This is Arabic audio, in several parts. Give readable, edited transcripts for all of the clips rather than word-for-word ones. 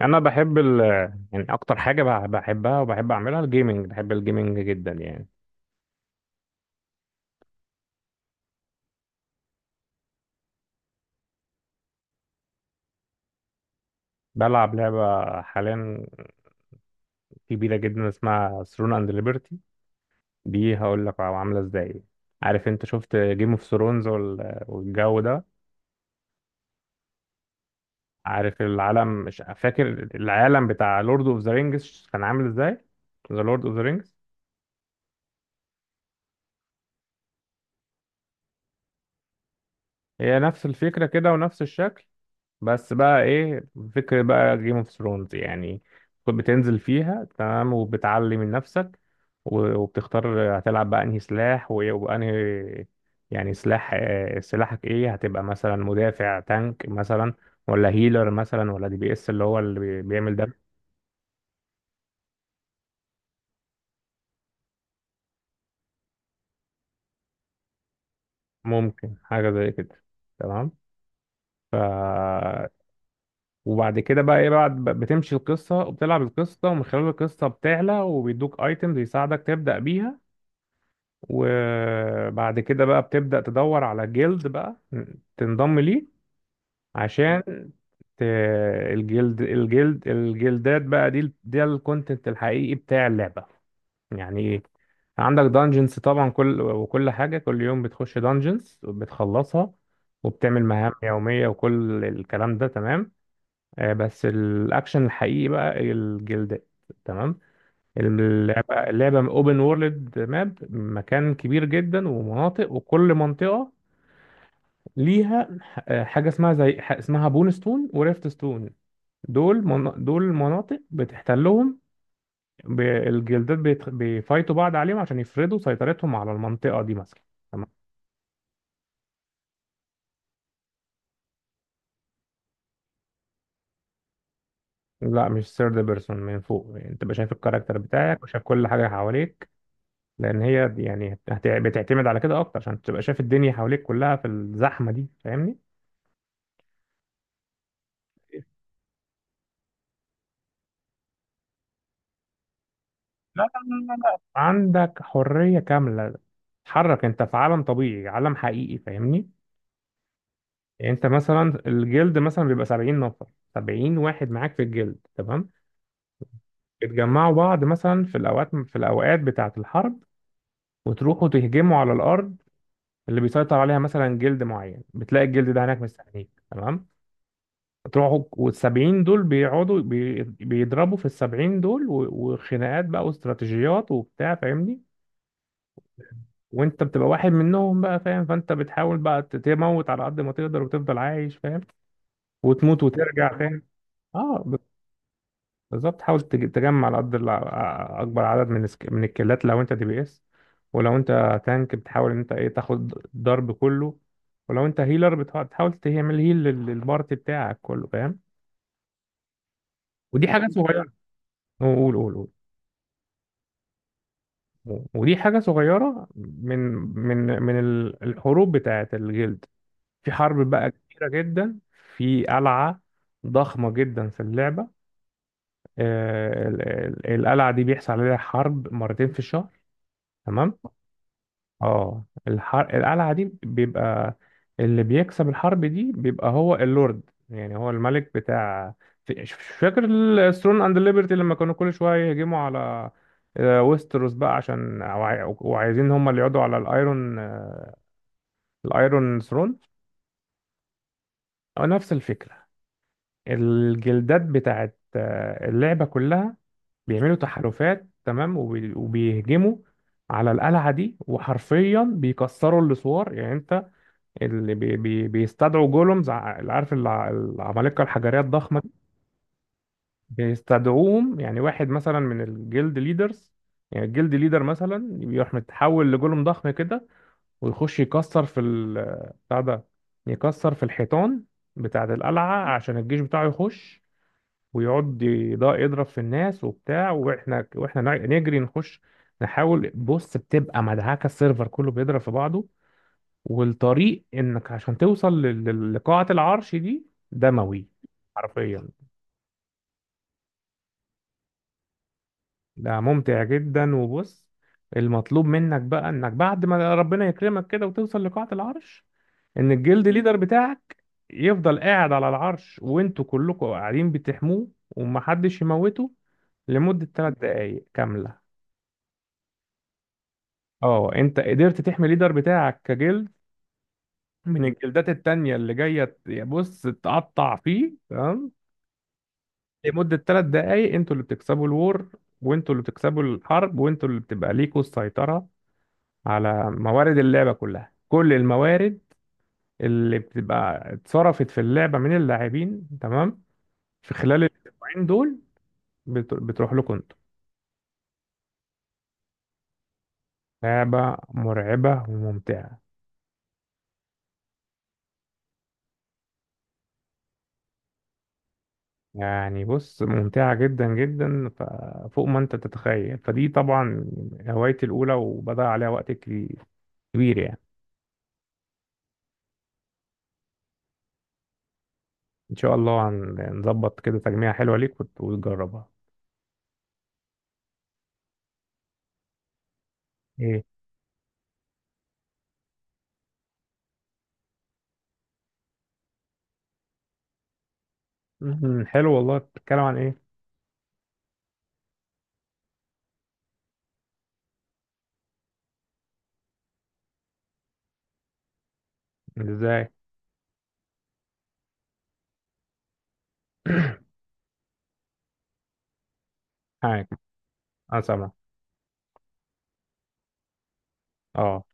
يعني انا بحب يعني اكتر حاجه بحبها وبحب اعملها الجيمنج، بحب الجيمنج جدا يعني. بلعب لعبه حاليا كبيره جدا اسمها ثرون اند ليبرتي، دي هقول لك عامله ازاي. عارف انت شفت جيم اوف ثرونز والجو ده؟ عارف العالم، مش فاكر العالم بتاع لورد اوف ذا رينجز كان عامل ازاي، ذا لورد اوف ذا رينجز. هي نفس الفكره كده ونفس الشكل، بس بقى ايه، فكرة بقى جيم اوف ثرونز يعني. بتنزل فيها تمام وبتعلي من نفسك، و- وبتختار هتلعب بقى انهي سلاح وايه وانهي، يعني سلاح، سلاحك ايه، هتبقى مثلا مدافع تانك مثلا، ولا هيلر مثلا ولا DPS اللي هو اللي بيعمل ده. ممكن حاجة زي كده تمام. وبعد كده بقى ايه، بعد بتمشي القصة وبتلعب القصة، ومن خلال القصة بتعلى وبيدوك ايتمز يساعدك تبدأ بيها. وبعد كده بقى بتبدأ تدور على جلد بقى تنضم ليه، عشان ت... الجلدات بقى دي ده الكونتنت الحقيقي بتاع اللعبة. يعني ايه، عندك دانجنز طبعا، كل وكل حاجة كل يوم بتخش دانجنز وبتخلصها، وبتعمل مهام يومية وكل الكلام ده تمام. بس الأكشن الحقيقي بقى الجلدات. تمام، اللعبة اوبن وورلد، ماب مكان كبير جدا ومناطق، وكل منطقة ليها حاجة اسمها، زي اسمها بون ستون وريفت ستون. دول مناطق بتحتلهم، الجلدات بيفايتوا بعض عليهم عشان يفرضوا سيطرتهم على المنطقة دي مثلا. تمام. لا مش ثيرد بيرسون من فوق، يعني انت بقى شايف الكاركتر بتاعك وشايف كل حاجة حواليك، لأن هي يعني بتعتمد على كده أكتر عشان تبقى شايف الدنيا حواليك كلها في الزحمة دي، فاهمني. لا لا، لا لا، عندك حرية كاملة، تتحرك انت في عالم طبيعي، عالم حقيقي، فاهمني. يعني انت مثلا الجلد مثلا بيبقى 70 نفر، 70 واحد معاك في الجلد تمام. بتجمعوا بعض مثلا في الاوقات بتاعة الحرب، وتروحوا تهجموا على الارض اللي بيسيطر عليها مثلا جلد معين، بتلاقي الجلد ده هناك مستنيك تمام. تروحوا، والسبعين دول بيقعدوا بيضربوا في السبعين دول، و- وخناقات بقى واستراتيجيات وبتاع، فاهمني. وانت بتبقى واحد منهم بقى، فاهم؟ فانت بتحاول بقى تموت على قد ما تقدر وتفضل عايش، فاهم؟ وتموت وترجع، فاهم؟ اه، بالظبط، حاول تجمع على قد اكبر عدد من من الكيلات لو انت DPS، ولو انت تانك بتحاول ان انت ايه تاخد الضرب كله، ولو انت هيلر بتحاول تعمل هيل للبارت بتاعك كله، فاهم. ودي حاجه صغيره. قول، قول، قول. ودي حاجه صغيره من الحروب بتاعت الجلد. في حرب بقى كبيرة جدا في قلعة ضخمة جدا في اللعبة. القلعة دي بيحصل عليها حرب مرتين في الشهر تمام. اه القلعة دي بيبقى اللي بيكسب الحرب دي بيبقى هو اللورد، يعني هو الملك بتاع، مش فاكر، الثرون اند ليبرتي لما كانوا كل شوية يهجموا على، ويستروس بقى، عشان وعايزين هم اللي يقعدوا على الايرون ثرون. نفس الفكرة. الجلدات بتاعت اللعبة كلها بيعملوا تحالفات تمام، وبيهجموا على القلعة دي، وحرفيا بيكسروا السور. يعني انت اللي بي بي بيستدعوا جولومز، اللي عارف العمالقة الحجرية الضخمة دي، بيستدعوهم. يعني واحد مثلا من الجلد ليدرز، يعني الجلد ليدر مثلا يروح متحول لجولوم ضخم كده، ويخش يكسر في بتاع ده، يكسر في الحيطان بتاعة القلعة عشان الجيش بتاعه يخش ويقعد يضرب في الناس وبتاع، واحنا نجري نخش نحاول، بص، بتبقى مدعكه، السيرفر كله بيضرب في بعضه، والطريق انك عشان توصل لقاعه العرش دي دموي حرفيا. ده ممتع جدا. وبص، المطلوب منك بقى انك بعد ما ربنا يكرمك كده وتوصل لقاعه العرش، ان الجلد ليدر بتاعك يفضل قاعد على العرش وانتوا كلكم قاعدين بتحموه ومحدش يموته لمدة 3 دقايق كاملة. اه انت قدرت تحمي الليدر بتاعك كجلد من الجلدات التانية اللي جاية يا بص تقطع فيه تمام، لمدة 3 دقايق، انتوا اللي بتكسبوا الور، وانتوا اللي بتكسبوا الحرب، وانتوا اللي بتبقى ليكوا السيطرة على موارد اللعبة كلها، كل الموارد اللي بتبقى اتصرفت في اللعبة من اللاعبين تمام في خلال الأسبوعين دول بتروح لكم انتوا. لعبة مرعبة وممتعة. يعني بص، ممتعة جدا جدا، فوق ما انت تتخيل. فدي طبعا هوايتي الأولى وبدأ عليها وقت كبير يعني. إن شاء الله هنظبط كده تجميعة حلوة ليك وتجربها. ايه؟ مم، حلو والله، بتتكلم عن ايه؟ ازاي؟ معاك، انا سامع. اه.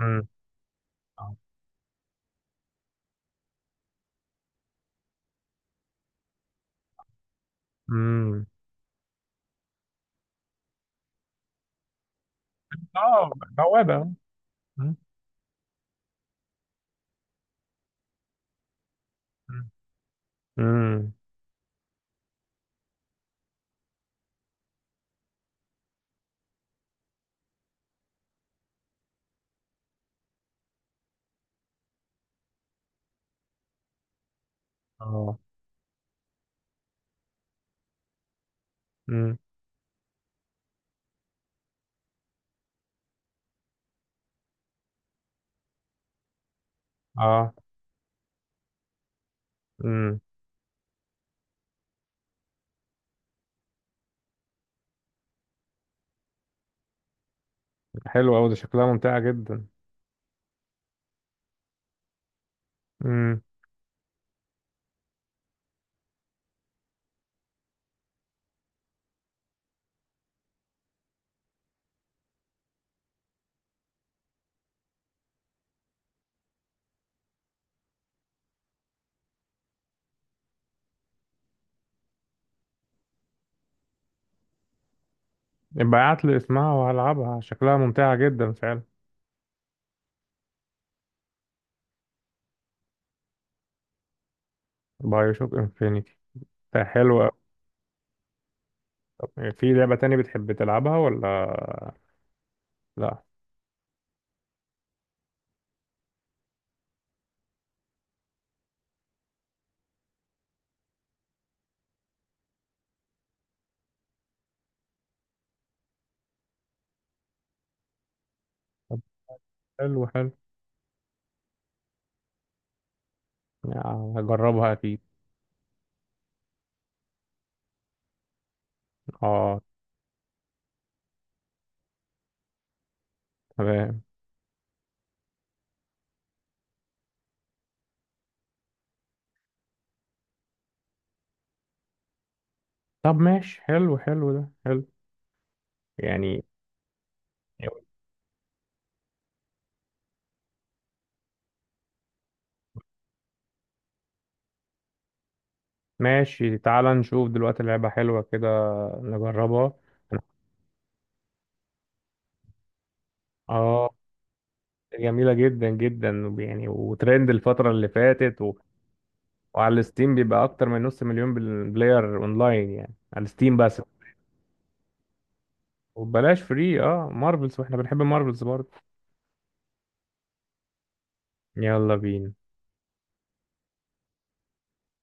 مم، اه. مم. آه، بوابة. مم، مم، مم، اه، مم، اه. مم. حلو أوي، ده شكلها ممتعة جدا. يبقى ابعت لي اسمها وهلعبها، شكلها ممتعة جدا فعلا. بايو شوك انفينيتي، ده حلو أوي. طب في لعبة تاني بتحب تلعبها ولا لا؟ طب حلو، حلو، يعني هجربها اكيد. اه تمام. طب ماشي، حلو، حلو، ده حلو يعني. ماشي، تعال نشوف دلوقتي لعبة حلوة كده نجربها. اه، جميلة جدا جدا، يعني وترند الفترة اللي فاتت وعلى ستيم بيبقى أكتر من نص مليون بلاير أونلاين، يعني على ستيم بس. وبلاش فري، اه، مارفلز، واحنا بنحب مارفلز برضه. يلا بينا.